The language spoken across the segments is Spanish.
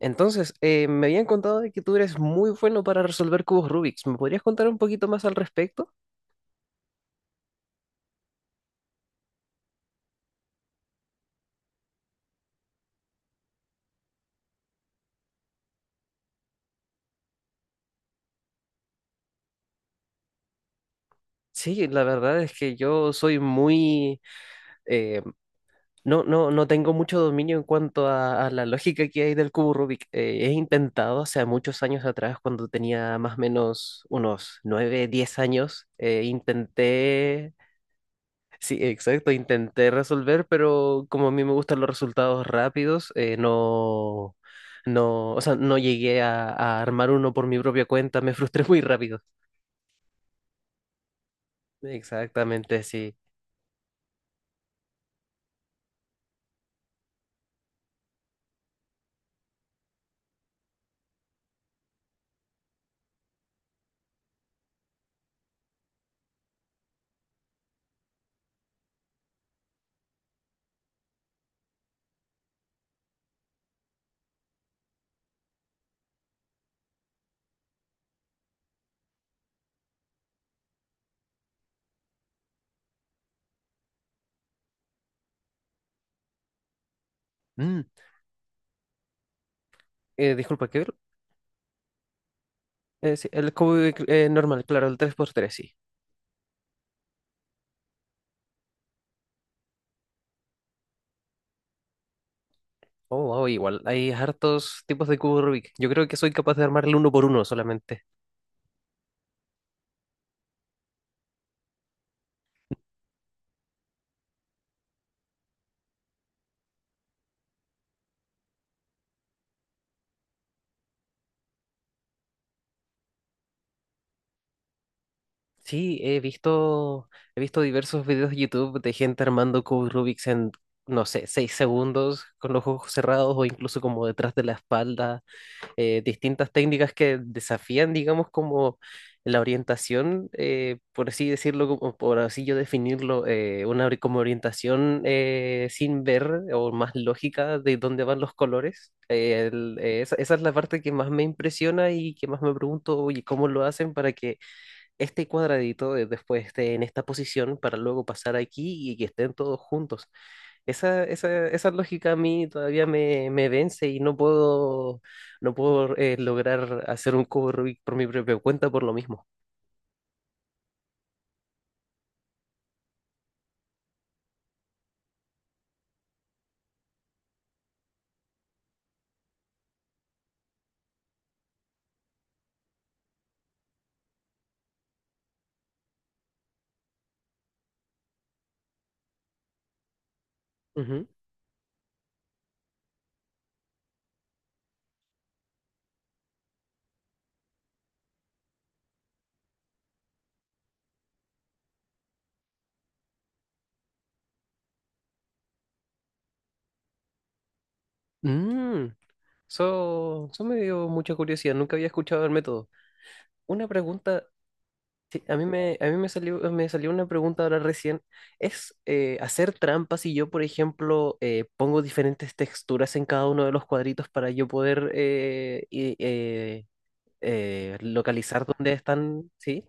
Entonces, me habían contado de que tú eres muy bueno para resolver cubos Rubik's. ¿Me podrías contar un poquito más al respecto? Sí, la verdad es que yo soy muy... eh, no no tengo mucho dominio en cuanto a la lógica que hay del cubo Rubik. He intentado hace muchos años atrás, cuando tenía más o menos unos 9, 10 años, intenté. Sí, exacto, intenté resolver, pero como a mí me gustan los resultados rápidos, no, no, o sea, no llegué a armar uno por mi propia cuenta, me frustré muy rápido. Exactamente, sí. Mm, disculpa, ¿qué? Sí, el cubo de cr- normal, claro, el tres por tres, sí. Oh, wow, igual, hay hartos tipos de cubo Rubik. Yo creo que soy capaz de armarle uno por uno solamente. Sí, he visto, he visto diversos videos de YouTube de gente armando cubos Rubik's en, no sé, seis segundos con los ojos cerrados o incluso como detrás de la espalda, distintas técnicas que desafían, digamos, como la orientación, por así decirlo, como, por así yo definirlo, como orientación sin ver o más lógica de dónde van los colores. Esa es la parte que más me impresiona y que más me pregunto, oye, ¿cómo lo hacen para que después esté en esta posición para luego pasar aquí y que estén todos juntos? Esa lógica a mí todavía me, me vence y no puedo lograr hacer un cubo Rubik por mi propia cuenta por lo mismo. Ujú. Mm, eso me dio mucha curiosidad, nunca había escuchado el método. Una pregunta, sí, a mí me salió una pregunta ahora recién. ¿Es hacer trampas si yo, por ejemplo, pongo diferentes texturas en cada uno de los cuadritos para yo poder localizar dónde están? ¿Sí?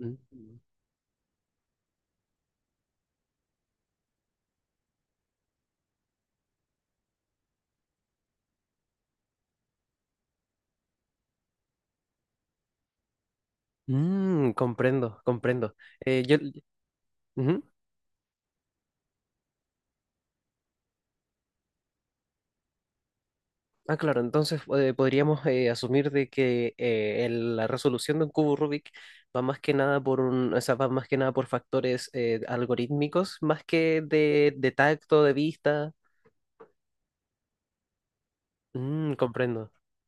Mm. Mm, comprendo, comprendo. Eh, yo, ujú. Ah, claro, entonces podríamos asumir de que la resolución de un cubo Rubik va más que nada por un, o sea, va más que nada por factores algorítmicos, más que de tacto, de vista. Mm, comprendo.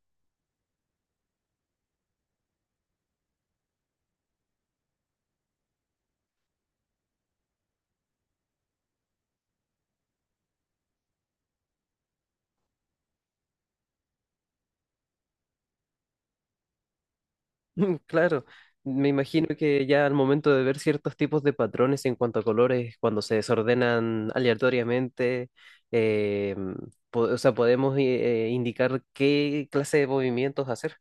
Mm, claro, me imagino que ya al momento de ver ciertos tipos de patrones en cuanto a colores, cuando se desordenan aleatoriamente, eh, o sea, podemos indicar qué clase de movimientos hacer.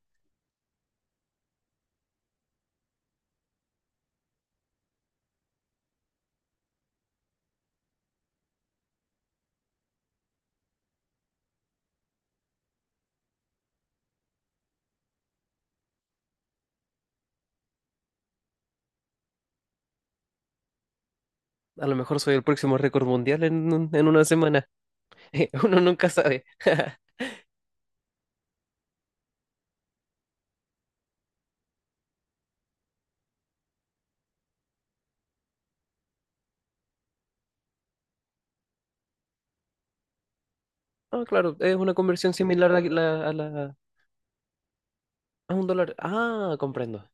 A lo mejor soy el próximo récord mundial en, en una semana. Uno nunca sabe. Ah, claro, es una conversión similar a a un dólar. Ah, comprendo.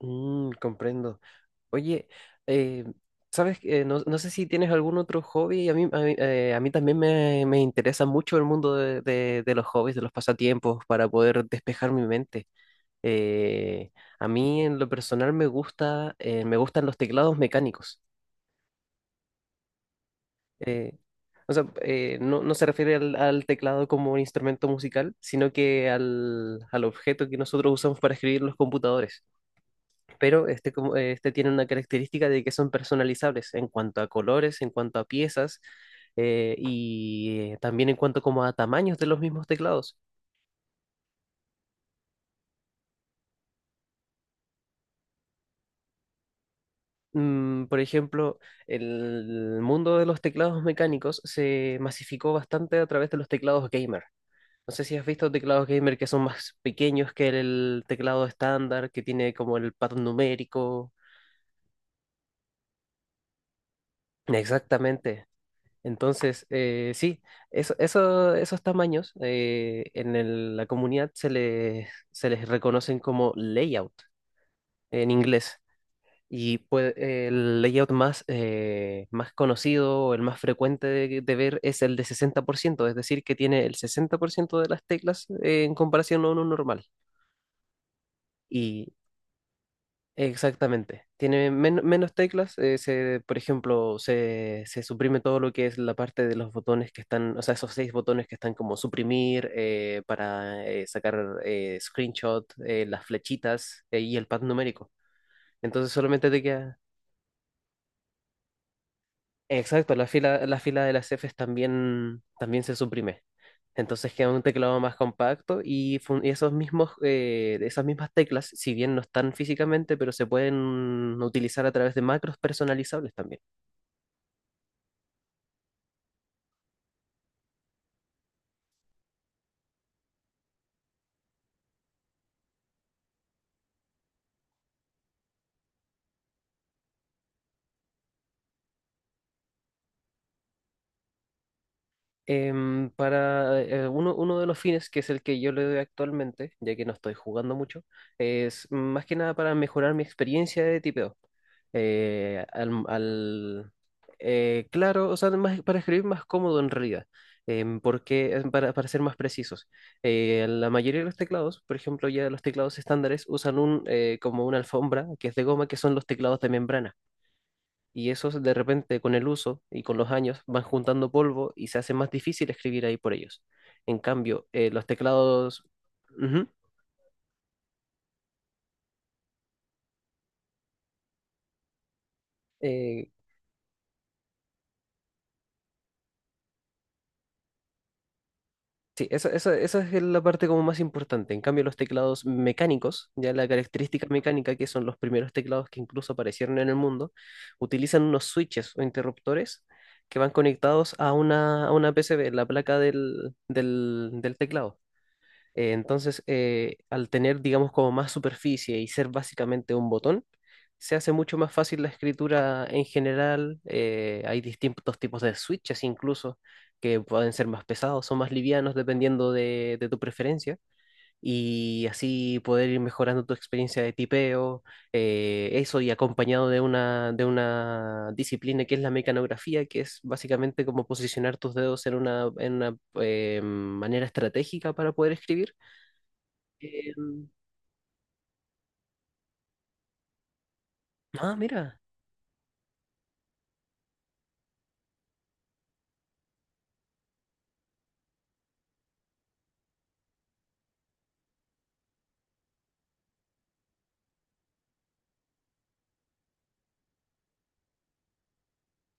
Mm, comprendo. Oye, eh, ¿sabes qué? No, no sé si tienes algún otro hobby. A mí también me interesa mucho el mundo de, de los hobbies, de los pasatiempos, para poder despejar mi mente. Eh, a mí en lo personal me gustan los teclados mecánicos. Eh, O sea, no, no se refiere al, al teclado como un instrumento musical, sino que al, al objeto que nosotros usamos para escribir en los computadores. Pero este, este tiene una característica de que son personalizables en cuanto a colores, en cuanto a piezas también en cuanto como a tamaños de los mismos teclados. Mm, por ejemplo, el mundo de los teclados mecánicos se masificó bastante a través de los teclados gamer. No sé si has visto teclados gamer que son más pequeños que el teclado estándar, que tiene como el patrón numérico. Exactamente. Entonces, sí, esos tamaños la comunidad se les reconocen como layout en inglés. Y pues, el layout más, más conocido o el más frecuente de ver es el de 60%, es decir, que tiene el 60% de las teclas en comparación a uno normal. Y exactamente, tiene menos teclas. Por ejemplo, se suprime todo lo que es la parte de los botones que están, o sea, esos seis botones que están como suprimir para sacar screenshot, las flechitas y el pad numérico. Entonces solamente te queda. Exacto, la fila de las Fs también, también se suprime. Entonces queda un teclado más compacto y, y esos mismos, esas mismas teclas, si bien no están físicamente, pero se pueden utilizar a través de macros personalizables también. Em, para uno de los fines, que es el que yo le doy actualmente, ya que no estoy jugando mucho, es más que nada para mejorar mi experiencia de tipeo. Eh, al, al- claro, o sea, para escribir más cómodo en realidad, em, porque para ser más precisos, la mayoría de los teclados, por ejemplo, ya los teclados estándares usan un, como una alfombra que es de goma, que son los teclados de membrana y esos de repente con el uso y con los años van juntando polvo y se hace más difícil escribir ahí por ellos. En cambio, los teclados... Ujú. Eh, esa es la parte como más importante. En cambio, los teclados mecánicos, ya la característica mecánica que son los primeros teclados que incluso aparecieron en el mundo, utilizan unos switches o interruptores que van conectados a una PCB, la placa del del teclado. Al tener, digamos, como más superficie y ser básicamente un botón, se hace mucho más fácil la escritura en general. Hay distintos tipos de switches incluso que pueden ser más pesados o más livianos dependiendo de tu preferencia. Y así poder ir mejorando tu experiencia de tipeo, eso y acompañado de una disciplina que es la mecanografía, que es básicamente como posicionar tus dedos en una, manera estratégica para poder escribir. Em, ah, mira.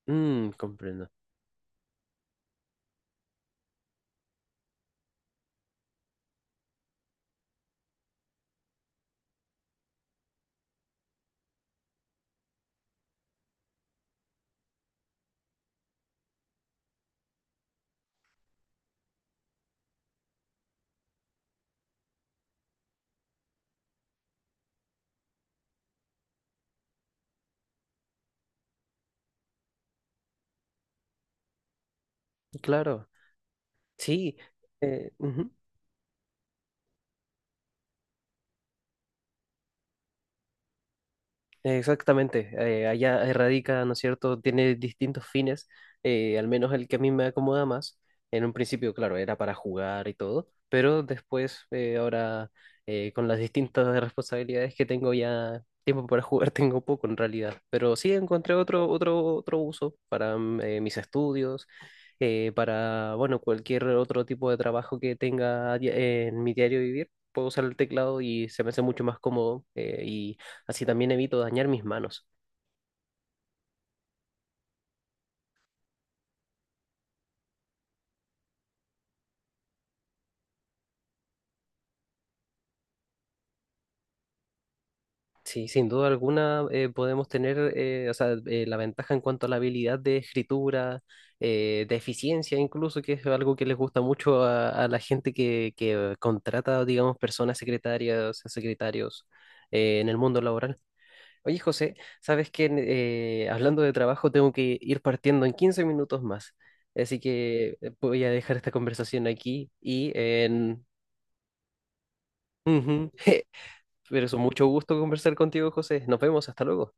Mm, comprendo. Claro. Sí. Ujú. Exactamente, allá erradica, ¿no es cierto? Tiene distintos fines, al menos el que a mí me acomoda más. En un principio, claro, era para jugar y todo, pero después, con las distintas responsabilidades que tengo ya, tiempo para jugar tengo poco en realidad, pero sí encontré otro uso para mis estudios, bueno, cualquier otro tipo de trabajo que tenga a en mi diario vivir. Puedo usar el teclado y se me hace mucho más cómodo. Así también evito dañar mis manos. Sí, sin duda alguna podemos tener la ventaja en cuanto a la habilidad de escritura, de eficiencia incluso, que es algo que les gusta mucho a la gente que contrata, digamos, personas secretarias, secretarios en el mundo laboral. Oye, José, sabes que hablando de trabajo tengo que ir partiendo en 15 minutos más, así que voy a dejar esta conversación aquí y en... Ujú. Pero es un mucho gusto conversar contigo, José. Nos vemos, hasta luego.